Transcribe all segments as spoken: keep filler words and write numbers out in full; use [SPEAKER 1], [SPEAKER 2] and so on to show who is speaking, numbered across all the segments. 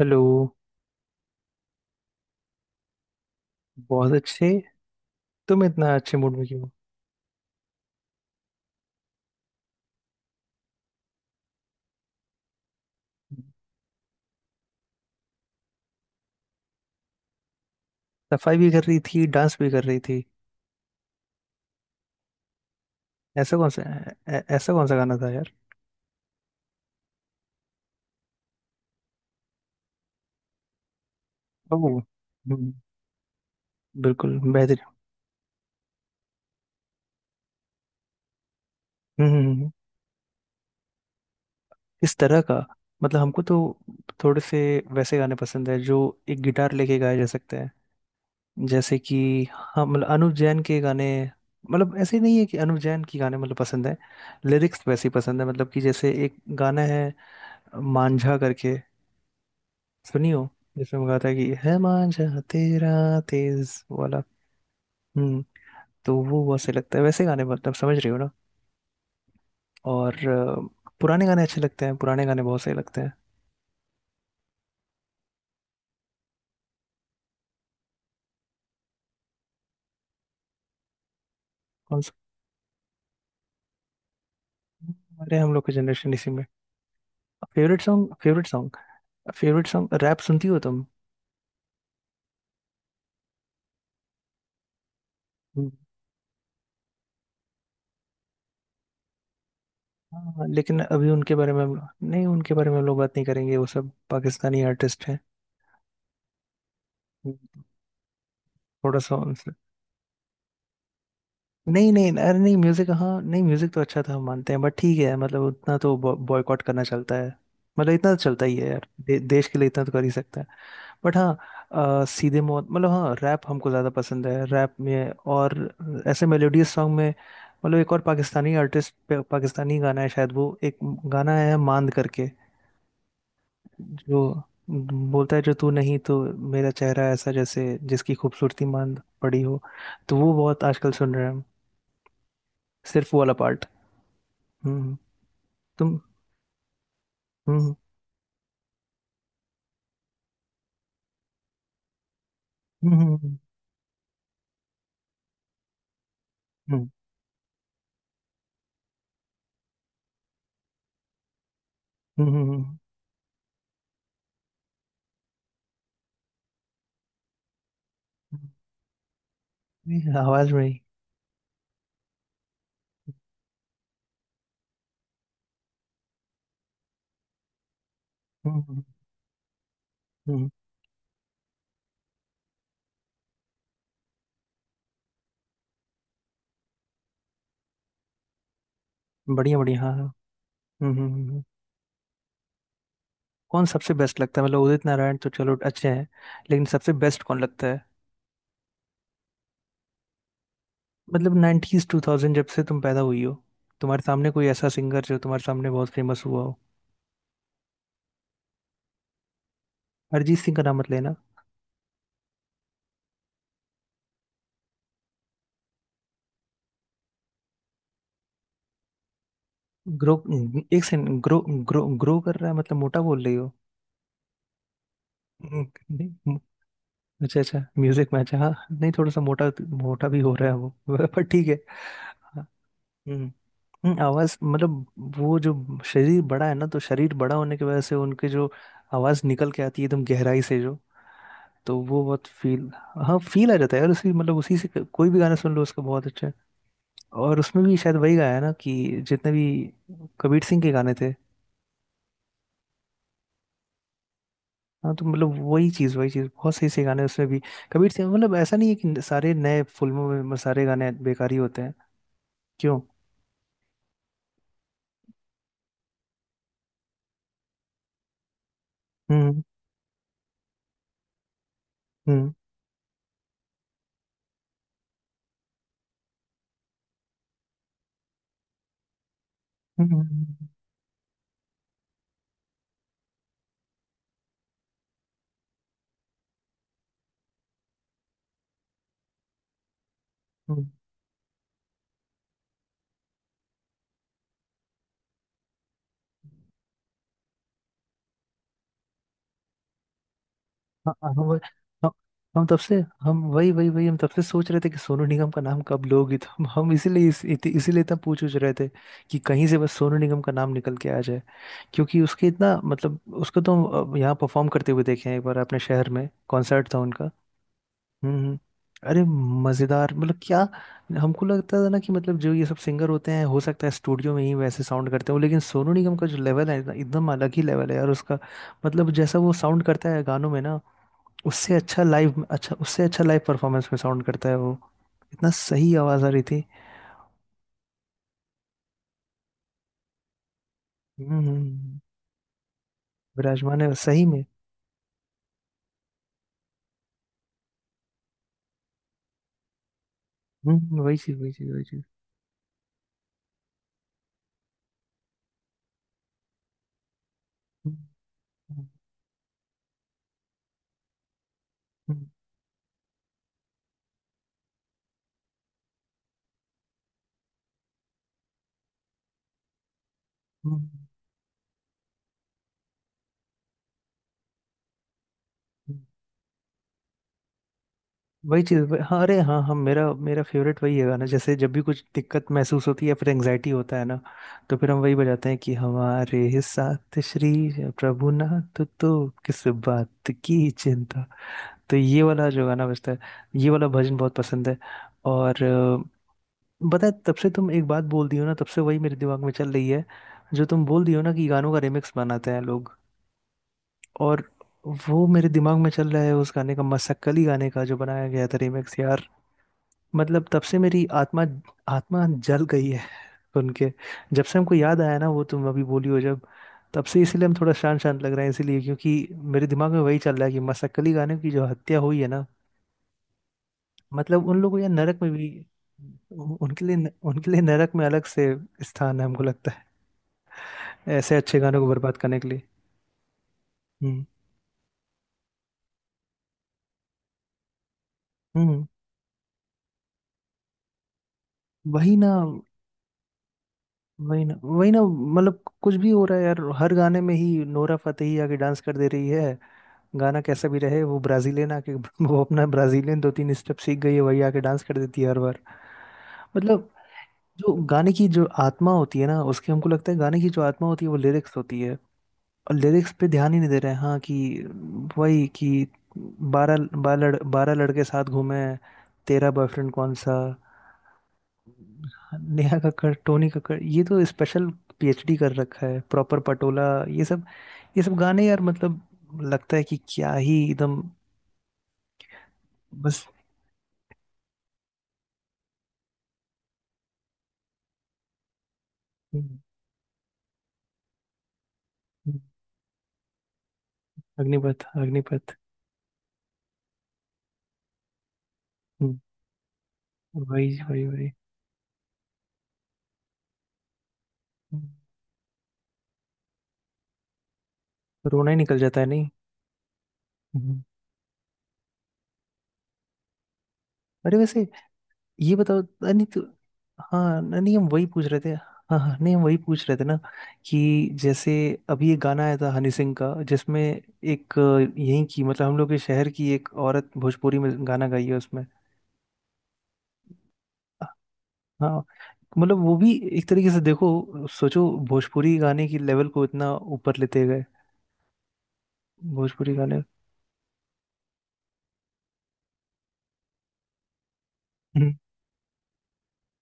[SPEAKER 1] Hello. बहुत अच्छे। तुम इतना अच्छे मूड में क्यों हो? सफाई भी कर रही थी, डांस भी कर रही थी। ऐसा कौन सा ऐ- ऐ- ऐसा कौन सा गाना था यार? ओह। हम्म। बिल्कुल बेहतरीन। हम्म, हम्म, हम्म। किस तरह का, मतलब हमको तो थोड़े से वैसे गाने पसंद है जो एक गिटार लेके गाए जा सकते हैं, जैसे कि हाँ, मतलब अनुव जैन के गाने। मतलब ऐसे नहीं है कि अनुव जैन के गाने मतलब पसंद है, लिरिक्स वैसे ही पसंद है। मतलब कि जैसे एक गाना है मांझा करके, सुनियो, जिसमें वो गाता है कि है मांझा तेरा, तेज वाला। हम्म। तो वो बहुत सही लगता है वैसे गाने, मतलब समझ रही हो ना। और अ, पुराने गाने अच्छे लगते हैं, पुराने गाने बहुत सही लगते हैं। कौन सा? हमारे हम लोग के जनरेशन इसी में। Favourite song, favourite song, favourite song, rap सुनती हो तुम? हम्म। हाँ, लेकिन अभी उनके बारे में हम, नहीं, उनके बारे में हम लोग बात नहीं करेंगे, वो सब पाकिस्तानी आर्टिस्ट हैं। हम्म। थोड़ा सा, नहीं नहीं, अरे नहीं, म्यूजिक हाँ, नहीं म्यूजिक तो अच्छा था, हम मानते हैं, बट ठीक है, मतलब उतना तो बॉयकॉट करना चलता है। मतलब इतना तो चलता ही है यार, दे, देश के लिए इतना तो कर ही सकता है। बट हाँ, अ, सीधे मौत, मतलब हाँ, रैप हमको ज़्यादा पसंद है, रैप में और ऐसे मेलोडियस सॉन्ग में। मतलब एक और पाकिस्तानी आर्टिस्ट, पाकिस्तानी गाना है शायद वो, एक गाना है मांद करके जो बोलता है, जो तू नहीं तो मेरा चेहरा ऐसा जैसे जिसकी खूबसूरती मांद पड़ी हो। तो वो बहुत आजकल सुन रहे हैं हम, सिर्फ वो वाला पार्ट। हम्म। तुम। हम्म हम्म, हम्म। हम्म, हम्म, हम्म, हम्म, आवाज में ही। हम्म, हम्म, हम्म। बढ़िया बढ़िया, हाँ हाँ। हम्म, हम्म, हम्म। कौन सबसे बेस्ट लगता है? मतलब उदित नारायण तो चलो अच्छे हैं, लेकिन सबसे बेस्ट कौन लगता है? मतलब नाइन्टीज़ टू थाउजेंड, जब से तुम पैदा हुई हो, तुम्हारे सामने कोई ऐसा सिंगर जो तुम्हारे सामने बहुत फेमस हुआ हो? अरिजीत सिंह का नाम मत लेना। ग्रो? एक सेकंड, ग्रो? ग्रो ग्रो कर रहा है मतलब मोटा बोल रही हो? नहीं, अच्छा अच्छा, म्यूजिक मैच है, हाँ नहीं, थोड़ा सा मोटा, मोटा भी हो रहा है वो पर ठीक है। हाँ। हम्म, हम्म, आवाज मतलब वो जो शरीर बड़ा है ना, तो शरीर बड़ा होने की वजह से उनके जो आवाज निकल के आती है एकदम गहराई से जो, तो वो बहुत फील, हाँ फील आ जाता है यार, उसी मतलब उसी से क- कोई भी गाना सुन लो उसका बहुत अच्छा है। और उसमें भी शायद वही गाया है ना कि जितने भी कबीर सिंह के गाने थे, हाँ तो मतलब वही चीज़ वही चीज़, बहुत सही सही गाने हैं उसमें भी। कबीर सिंह मतलब ऐसा नहीं है कि सारे नए फिल्मों में सारे गाने बेकार ही होते हैं। क्यों? हम्म, हम्म, हम्म, हम्म, हम्म। हाँ, हाँ, हम। हम हम तब से, हम वही वही वही, हम तब से सोच रहे थे कि सोनू निगम का नाम कब लोगी, तो हम हम इसीलिए इस, इति- इसीलिए इतना पूछ उछ रहे थे कि कहीं से बस सोनू निगम का नाम निकल के आ जाए। क्योंकि उसके इतना मतलब उसको तो हम अ, यहाँ परफॉर्म करते हुए देखे हैं, एक बार अपने शहर में कॉन्सर्ट था उनका। हम्म, हम्म। अरे मजेदार मतलब क्या। हमको लगता था ना कि मतलब जो ये सब सिंगर होते हैं हो सकता है स्टूडियो में ही वैसे साउंड करते हो, लेकिन सोनू निगम का जो लेवल है ना, एकदम अलग ही लेवल है यार उसका। मतलब जैसा वो साउंड करता है गानों में ना, उससे अच्छा लाइव, अच्छा, उससे अच्छा लाइव परफॉर्मेंस में साउंड करता है वो। इतना सही आवाज आ रही थी। हम्म, हम्म, हम्म। विराजमान है सही में। हम्म, हम्म, वही चीज वही चीज वही चीज। हम्म, हम्म, हम्म, हम्म, हम्म। वही चीज वही- हाँ अरे हाँ, हम, मेरा मेरा फेवरेट वही है गाना, जैसे जब भी कुछ दिक्कत महसूस होती है या फिर एंजाइटी होता है ना, तो फिर हम वही बजाते हैं कि हमारे साथ श्री प्रभु नाथ, तो किस बात की चिंता। तो ये वाला जो गाना बजता है, ये वाला भजन बहुत पसंद है। और अ, पता है तब से तुम एक बात बोल दी हो ना, तब से वही मेरे दिमाग में चल रही है, जो तुम बोल दी हो ना कि गानों का रिमिक्स बनाते हैं लोग, और वो मेरे दिमाग में चल रहा है उस गाने का, मसक्कली गाने का जो बनाया गया था रिमिक्स। मतलब तब से मेरी आत्मा, आत्मा जल गई है सुन के। जब से हमको याद आया ना वो तुम अभी बोली हो, जब तब से इसीलिए हम थोड़ा शांत शांत लग रहे हैं, इसीलिए क्योंकि मेरे दिमाग में वही चल रहा है कि मसक्कली गाने की जो हत्या हुई है ना, मतलब उन लोगों या नरक में भी, उ- उनके लिए, उनके लिए नरक में अलग से स्थान है हमको लगता है, ऐसे अच्छे गानों को बर्बाद करने के लिए। हम्म, हम्म। वही ना, वही ना, वही ना, मतलब कुछ भी हो रहा है यार, हर गाने में ही नोरा फतेही आके डांस कर दे रही है। गाना कैसा भी रहे, वो ब्राजीलियन आके वो अपना ब्राजीलियन दो तीन स्टेप सीख गई है, वही आके डांस कर देती है हर बार। मतलब जो गाने की जो आत्मा होती है ना उसके, हमको लगता है गाने की जो आत्मा होती है वो लिरिक्स होती है, और लिरिक्स पे ध्यान ही नहीं दे रहे हैं। हाँ कि वही कि बारह बारह लड़, बारह लड़के साथ घूमे, तेरा बॉयफ्रेंड कौन सा, नेहा कक्कड़, टोनी कक्कड़, ये तो स्पेशल पीएचडी कर रखा है प्रॉपर पटोला। ये सब, ये सब गाने यार मतलब, लगता है कि क्या ही एकदम। बस। हम्म, हम्म, अग्निपथ अग्निपथ। हम्म, वही वही वही। हम्म, रोना ही निकल जाता है नहीं? हम्म, हम्म। अरे वैसे ये बताओ, नहीं तो, हाँ नहीं हम वही पूछ रहे थे। हाँ हाँ नहीं हम वही पूछ रहे थे ना, कि जैसे अभी एक गाना आया था हनी सिंह का, जिसमें एक अ, यहीं की, मतलब हम लोग के शहर की एक औरत भोजपुरी में गाना गाई है उसमें। हाँ मतलब वो भी एक तरीके से देखो सोचो, भोजपुरी गाने की लेवल को इतना ऊपर लेते गए। भोजपुरी गाने। हम्म,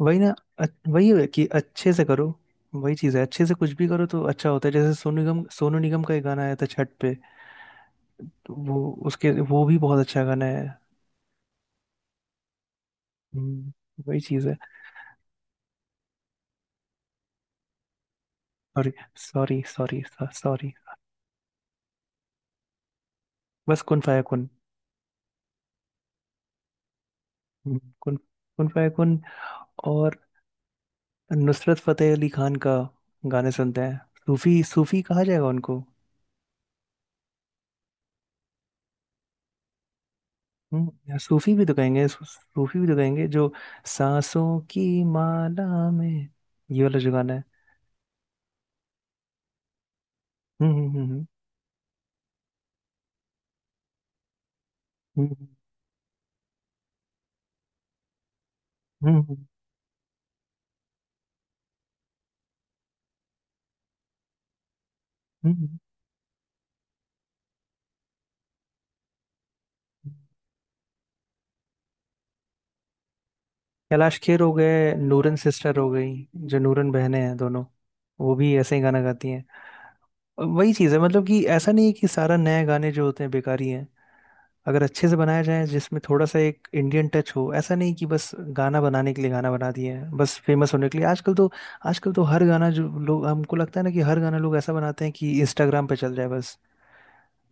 [SPEAKER 1] वही ना। अ- वही है कि अच्छे से करो। वही चीज़ है, अच्छे से कुछ भी करो तो अच्छा होता है। जैसे सोनू निगम, सोनू निगम का एक गाना आया था छठ पे, तो वो, उसके वो भी बहुत अच्छा गाना है। हम्म, वही चीज़ है। Sorry, sorry, sorry, sorry. बस कुन फाया कुन। हम्म, कुन, कुन फाया कुन। और नुसरत फतेह अली खान का गाने सुनते हैं, सूफी, सूफी कहा जाएगा उनको। हम्म, या सूफी भी तो कहेंगे, सू- सूफी भी तो कहेंगे जो। सांसों की माला में, ये वाला जो गाना है। हम्म, हम्म, हम्म, हम्म। हम्म, हम्म, हम्म, हम्म। कैलाश खेर हो गए, नूरन सिस्टर हो गई, जो नूरन बहनें हैं दोनों, वो भी ऐसे ही गाना गाती हैं। और वही चीज़ है, मतलब कि ऐसा नहीं है कि सारा नए गाने जो होते हैं बेकारी हैं। अगर अच्छे से बनाया जाए जिसमें थोड़ा सा एक इंडियन टच हो, ऐसा नहीं कि बस गाना बनाने के लिए गाना बना दिए हैं बस फेमस होने के लिए। आजकल तो, आजकल तो हर गाना जो लोग, हमको लगता है ना कि हर गाना लोग ऐसा बनाते हैं कि इंस्टाग्राम पे चल जाए बस।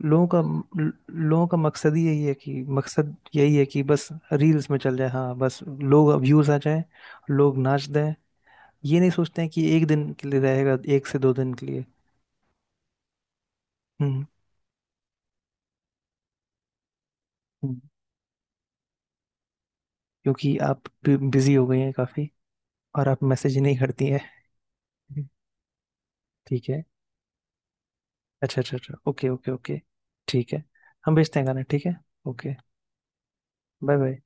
[SPEAKER 1] लोगों का, लोगों का मकसद ही यही है कि, मकसद यही है कि बस रील्स में चल जाए, हाँ बस, लोग व्यूज आ जाए, लोग नाच दें। ये नहीं सोचते हैं कि एक दिन के लिए रहेगा, एक से दो दिन के लिए। हम्म, हम्म। क्योंकि आप बिजी हो गई हैं काफी, और आप मैसेज नहीं करती हैं। हम्म। ठीक है, अच्छा अच्छा अच्छा, ओके ओके ओके, ठीक है, हम भेजते हैं गाना, ठीक है, ओके, बाय बाय।